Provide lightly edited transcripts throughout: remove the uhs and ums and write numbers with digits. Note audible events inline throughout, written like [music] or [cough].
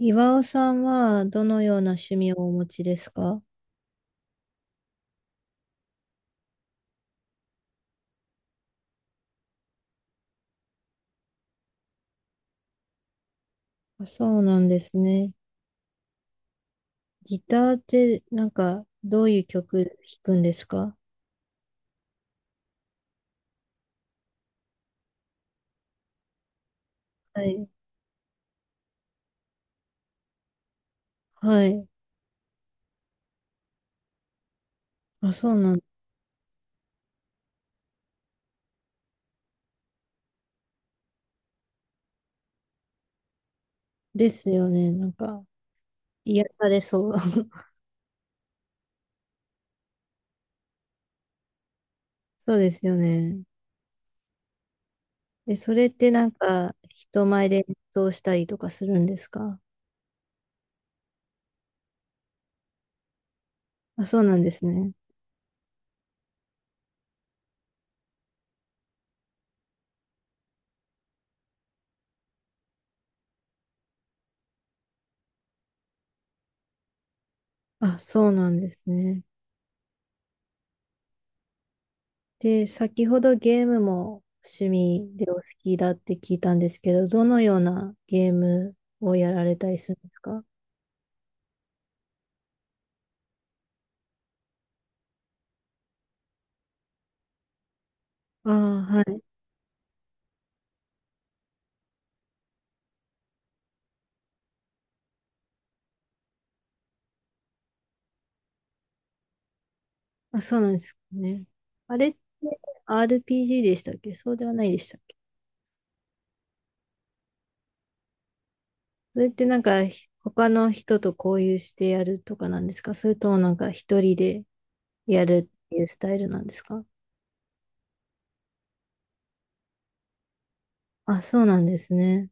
岩尾さんはどのような趣味をお持ちですか？あ、そうなんですね。ギターってどういう曲弾くんですか？はい。はい。あ、そうなんですよね。癒されそう。[laughs] そうですよね。え、それって人前で演奏したりとかするんですか？あ、そうなんですね。あ、そうなんですね。で、先ほどゲームも趣味でお好きだって聞いたんですけど、どのようなゲームをやられたりするんですか？ああ、はい。あ、そうなんですね。あれって RPG でしたっけ？そうではないでしたっけ？それって他の人と交流してやるとかなんですか？それとも一人でやるっていうスタイルなんですか？あ、そうなんですね。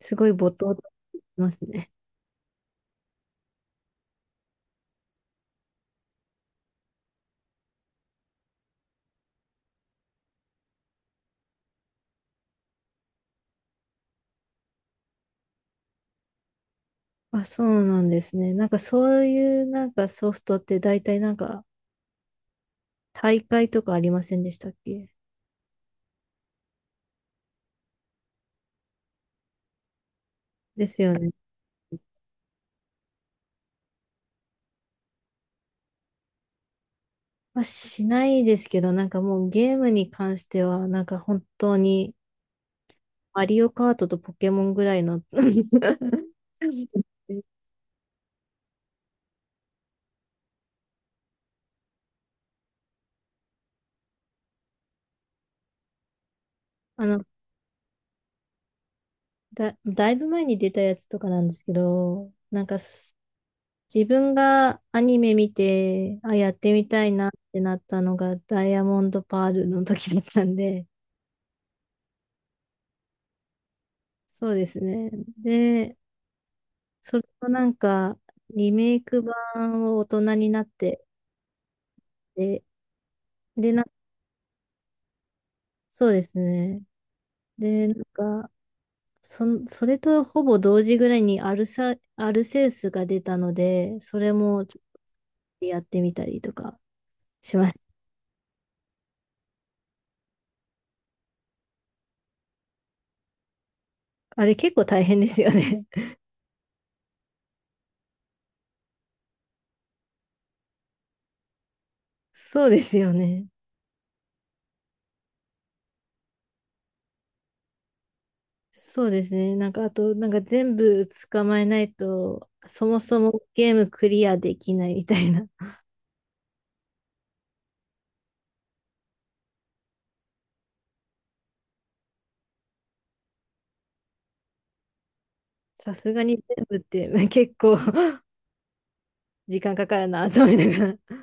すごい没頭できますね。あ、そうなんですね。そういうソフトって大体大会とかありませんでしたっけ？ですよね。まあ、しないですけど、もうゲームに関しては、本当に、マリオカートとポケモンぐらいの。 [laughs] あの、だいぶ前に出たやつとかなんですけど、なんかす自分がアニメ見て、あ、やってみたいなってなったのがダイヤモンドパールの時だったんで、そうですね。で、それのリメイク版を大人になって、で、で、な、そうですね。で、なんか、それとほぼ同時ぐらいにアルセウスが出たので、それもちょっとやってみたりとかしました。あれ結構大変ですよね。[laughs] そうですよね。そうですね。なんか、あと、なんか全部捕まえないと、そもそもゲームクリアできないみたいな。[laughs] さすがに全部ってまあ結構 [laughs] 時間かかるなと思いながら。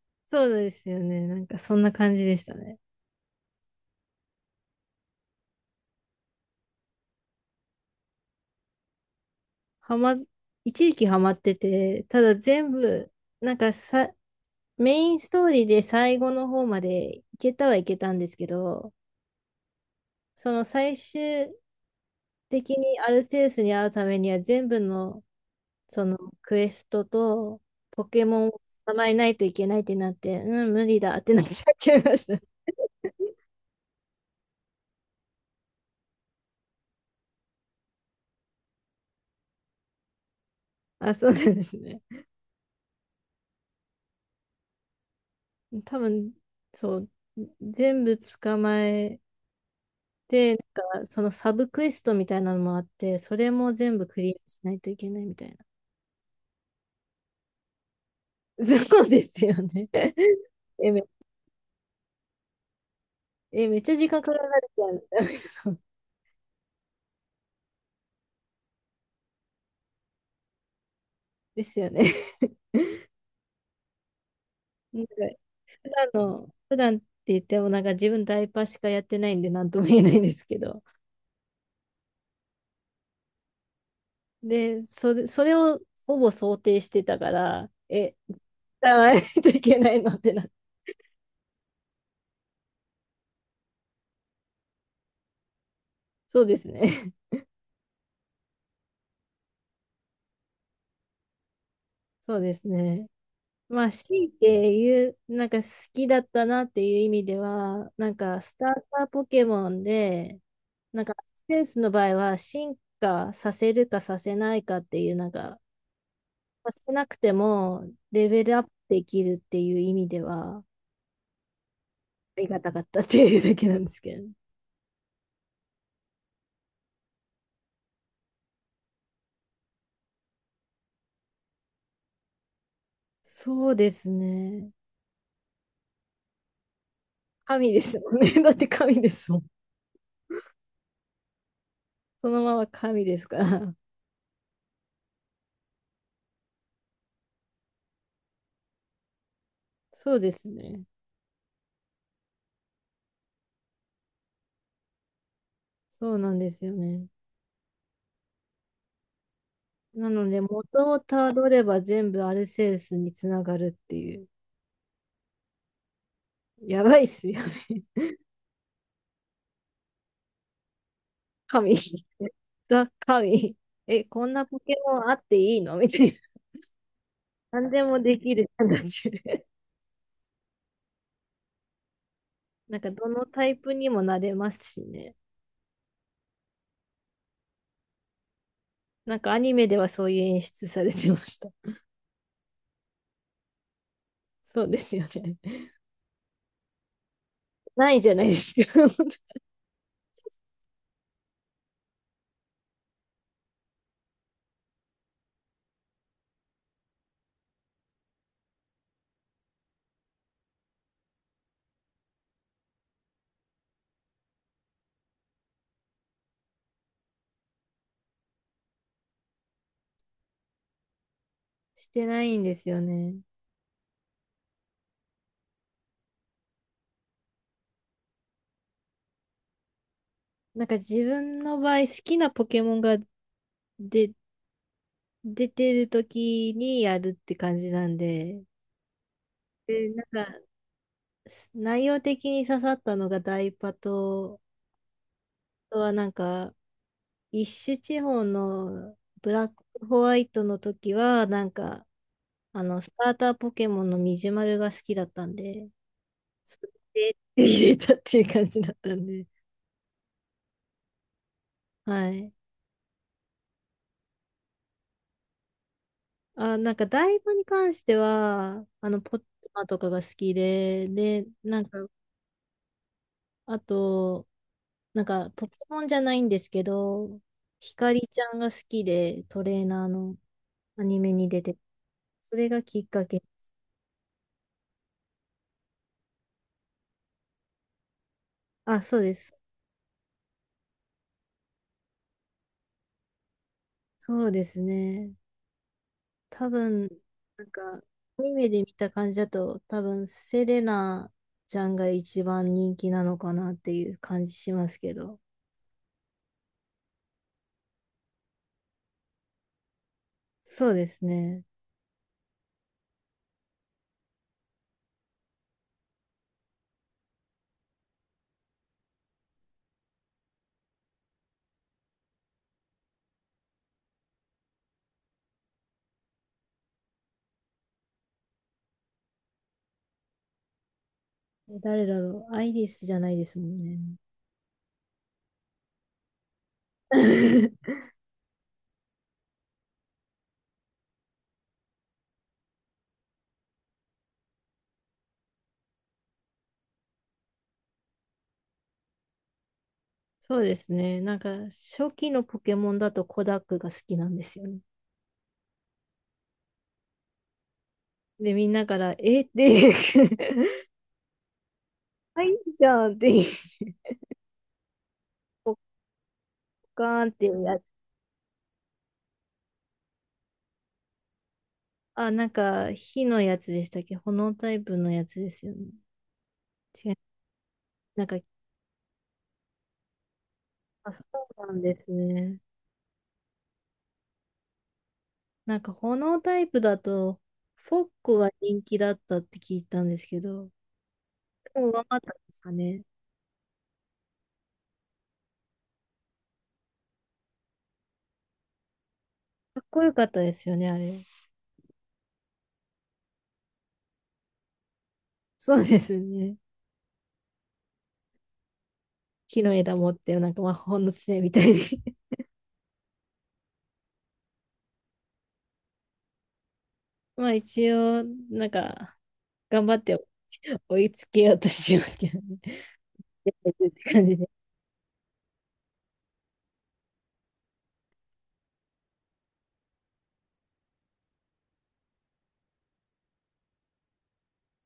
[laughs] そうですよね。なんかそんな感じでしたね。はま、一時期ハマってて、ただ全部、なんかさ、メインストーリーで最後の方までいけたはいけたんですけど、その最終的にアルセウスに会うためには全部のそのクエストとポケモンを捕まえないといけないってなって、うん、無理だってなっちゃいました。[laughs] あ、そうなんですね。多分、そう、全部捕まえで、なんか、そのサブクエストみたいなのもあって、それも全部クリアしないといけないみたいな。[laughs] そうですよね。[laughs] え、め、え、めっちゃ時間かかるじゃんみたいな。[laughs] そうですよね。[laughs] なんか、普段って言っても、なんか自分ダイパーしかやってないんで、なんとも言えないんですけど。で、それをほぼ想定してたから、え、使わないといけないのってな。そうですね。[laughs] そうですね。まあ、強いて言う、なんか好きだったなっていう意味では、なんかスターターポケモンで、なんかアクセンスの場合は進化させるかさせないかっていう、なんか、させなくてもレベルアップできるっていう意味では、ありがたかったっていうだけなんですけど。そうですね。神ですもんね。[laughs] だって神ですもん。そのまま神ですから。そうですね。そうなんですよね。なので、元をたどれば全部アルセウスにつながるっていう。やばいっすよね。[laughs] 神。ザ・神。え、こんなポケモンあっていいの？ [laughs] みたいな。何でもできる感じで。[laughs] なんか、どのタイプにもなれますしね。なんか、アニメではそういう演出されてました。そうですよね。[laughs] ないじゃないですか。[laughs] してないんですよね。なんか、自分の場合、好きなポケモンがで出てる時にやるって感じなんで、で、なんか、内容的に刺さったのがダイパと、あとはなんか、一種地方のブラックホワイトの時は、なんか、あの、スターターポケモンのミジュマルが好きだったんで、[laughs] それで入れたっていう感じだったんで、はい。あ、なんか、ダイパに関しては、あの、ポッマとかが好きで、で、なんか、あと、なんか、ポケモンじゃないんですけど、ひかりちゃんが好きで、トレーナーの。アニメに出て、それがきっかけ。あ、そうです。そうですね。多分、なんか、アニメで見た感じだと、多分、セレナちゃんが一番人気なのかなっていう感じしますけど。そうですね。え、誰だろう。アイリスじゃないですもんね。[laughs] そうですね。なんか、初期のポケモンだとコダックが好きなんですよね。で、みんなから、えって、[laughs] アイリスじゃんって、ポッカーンってやあ、なんか、火のやつでしたっけ？炎タイプのやつですよね。違う。なんか、あ、そうなんですね。なんか、炎タイプだと、フォッコは人気だったって聞いたんですけど、でも上回ったんですかね。かっこよかったですよね、あれ。[laughs] そうですね。木の枝持って、なんか魔法の杖みたいに。 [laughs] まあ、一応、なんか、頑張って追いつけようとしますけどね。[laughs] やってるって感じで。